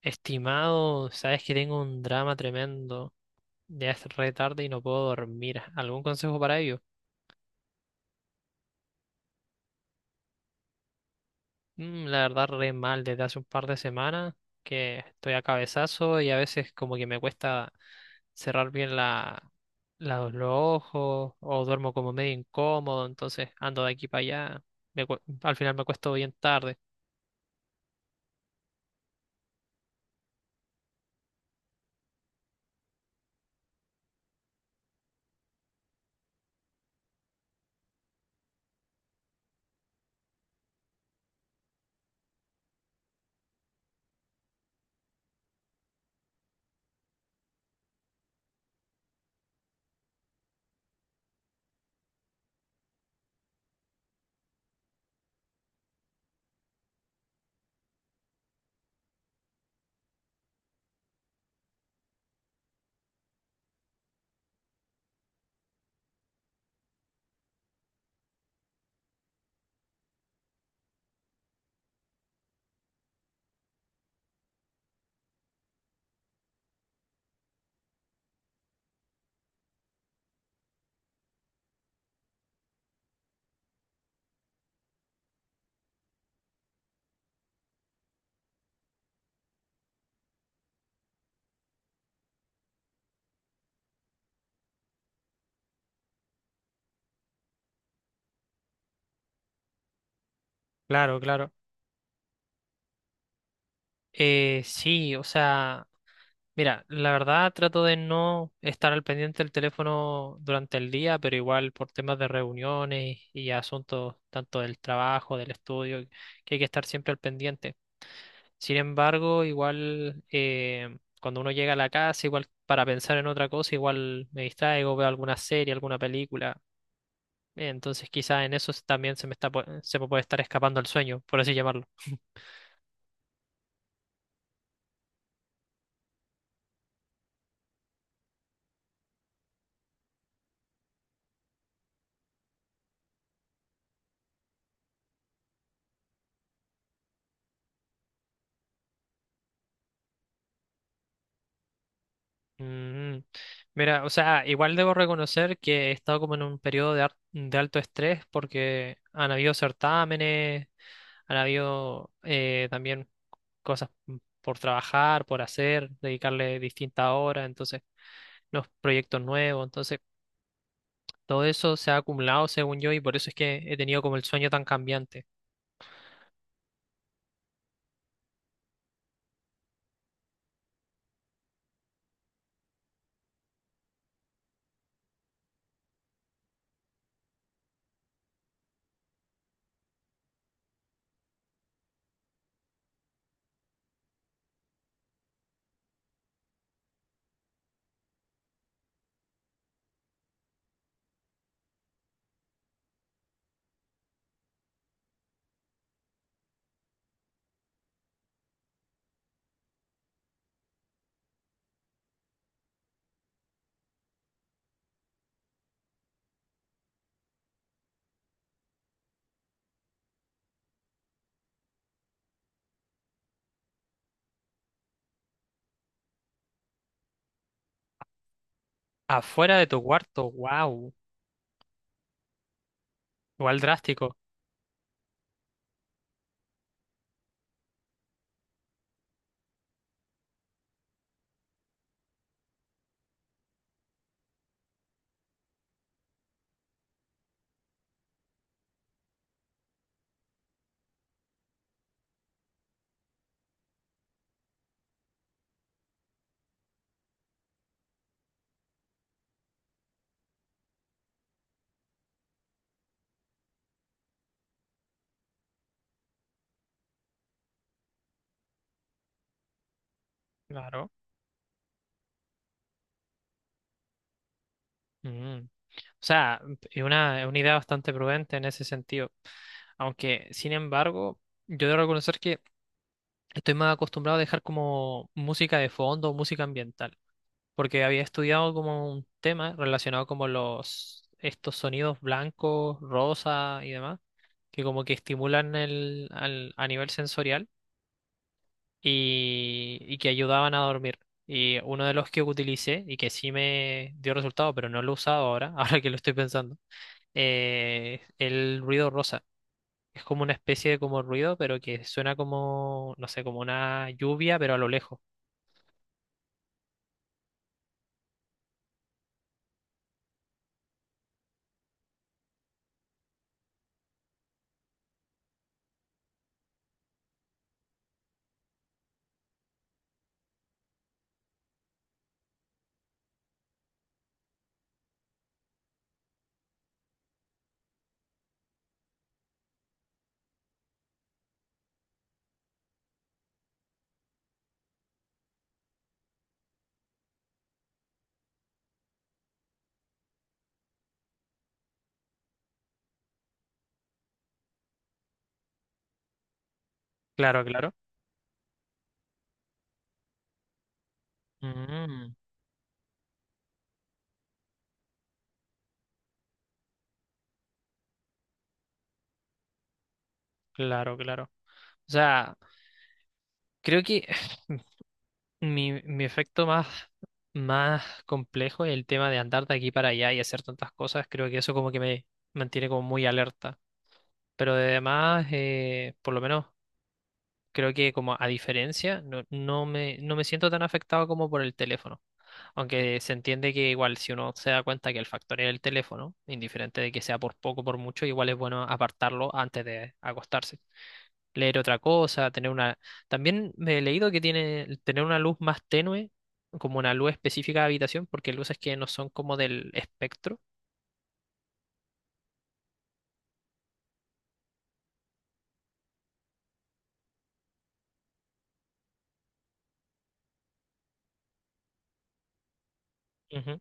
Estimado, sabes que tengo un drama tremendo. Ya es re tarde y no puedo dormir. ¿Algún consejo para ello? La verdad, re mal desde hace un par de semanas que estoy a cabezazo y a veces como que me cuesta cerrar bien los ojos o duermo como medio incómodo, entonces ando de aquí para allá. Al final me cuesto bien tarde. Claro, claro. Sí, o sea. Mira, la verdad trato de no estar al pendiente del teléfono durante el día, pero igual por temas de reuniones y asuntos tanto del trabajo, del estudio, que hay que estar siempre al pendiente. Sin embargo, igual cuando uno llega a la casa, igual para pensar en otra cosa, igual me distraigo, veo alguna serie, alguna película. Entonces quizás en eso también se me se me puede estar escapando el sueño, por así llamarlo. Mm, Mira, o sea, igual debo reconocer que he estado como en un periodo de alto estrés porque han habido certámenes, han habido también cosas por trabajar, por hacer, dedicarle distintas horas, entonces los proyectos nuevos, entonces todo eso se ha acumulado según yo y por eso es que he tenido como el sueño tan cambiante. Afuera de tu cuarto, wow, igual drástico. Claro. Mm. O sea, es una idea bastante prudente en ese sentido. Aunque, sin embargo, yo debo reconocer que estoy más acostumbrado a dejar como música de fondo, música ambiental, porque había estudiado como un tema relacionado como los estos sonidos blancos, rosa y demás, que como que estimulan a nivel sensorial y que ayudaban a dormir. Y uno de los que utilicé y que sí me dio resultado, pero no lo he usado ahora, ahora que lo estoy pensando, el ruido rosa. Es como una especie de como ruido, pero que suena como, no sé, como una lluvia, pero a lo lejos. Claro, claro. Mm, claro, claro. O sea, creo que mi efecto más complejo es el tema de andar de aquí para allá y hacer tantas cosas. Creo que eso como que me mantiene como muy alerta. Pero además, por lo menos, creo que como a diferencia, no, no me siento tan afectado como por el teléfono. Aunque se entiende que igual si uno se da cuenta que el factor es el teléfono, indiferente de que sea por poco o por mucho, igual es bueno apartarlo antes de acostarse. Leer otra cosa, tener una. También me he leído que tiene el tener una luz más tenue, como una luz específica de habitación, porque luces que no son como del espectro. Ujú.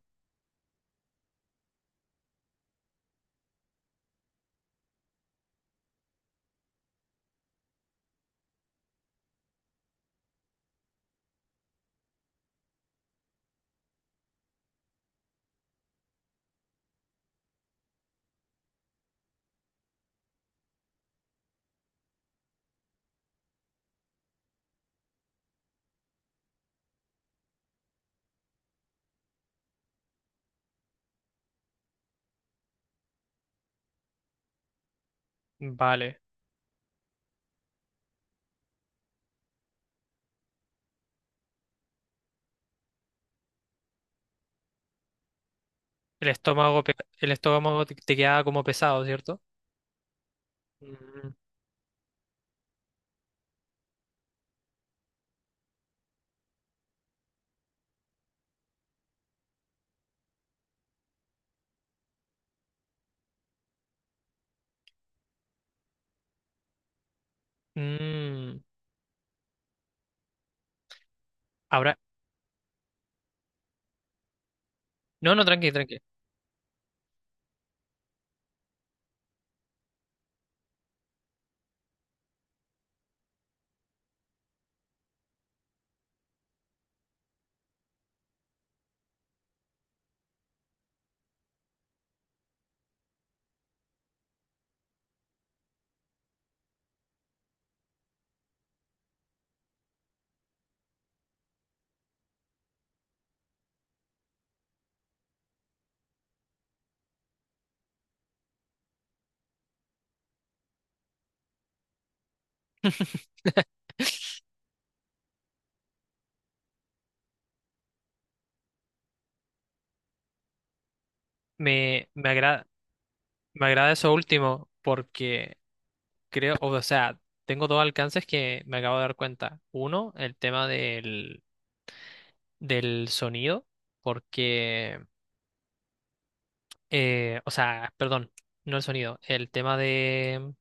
Vale. El estómago, el estómago te queda como pesado, ¿cierto? Mm. Mm. Ahora. No, no, tranqui, tranqui. Me agrada. Me agrada eso último porque creo, o sea, tengo dos alcances que me acabo de dar cuenta. Uno, el tema del sonido, porque, o sea, perdón, no el sonido, el tema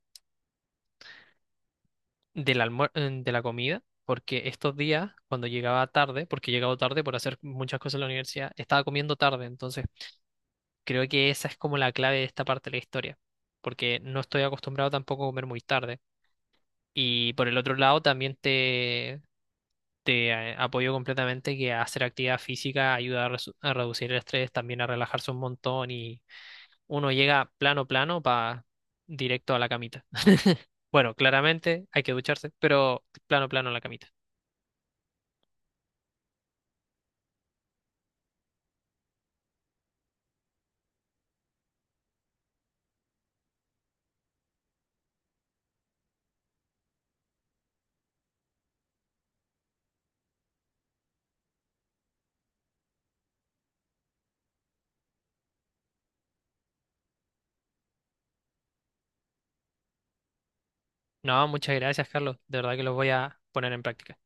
de la comida, porque estos días, cuando llegaba tarde, porque he llegado tarde por hacer muchas cosas en la universidad, estaba comiendo tarde, entonces creo que esa es como la clave de esta parte de la historia, porque no estoy acostumbrado tampoco a comer muy tarde. Y por el otro lado también te apoyo completamente que hacer actividad física ayuda a reducir el estrés, también a relajarse un montón y uno llega plano plano para directo a la camita. Bueno, claramente hay que ducharse, pero plano plano a la camita. No, muchas gracias, Carlos. De verdad que los voy a poner en práctica.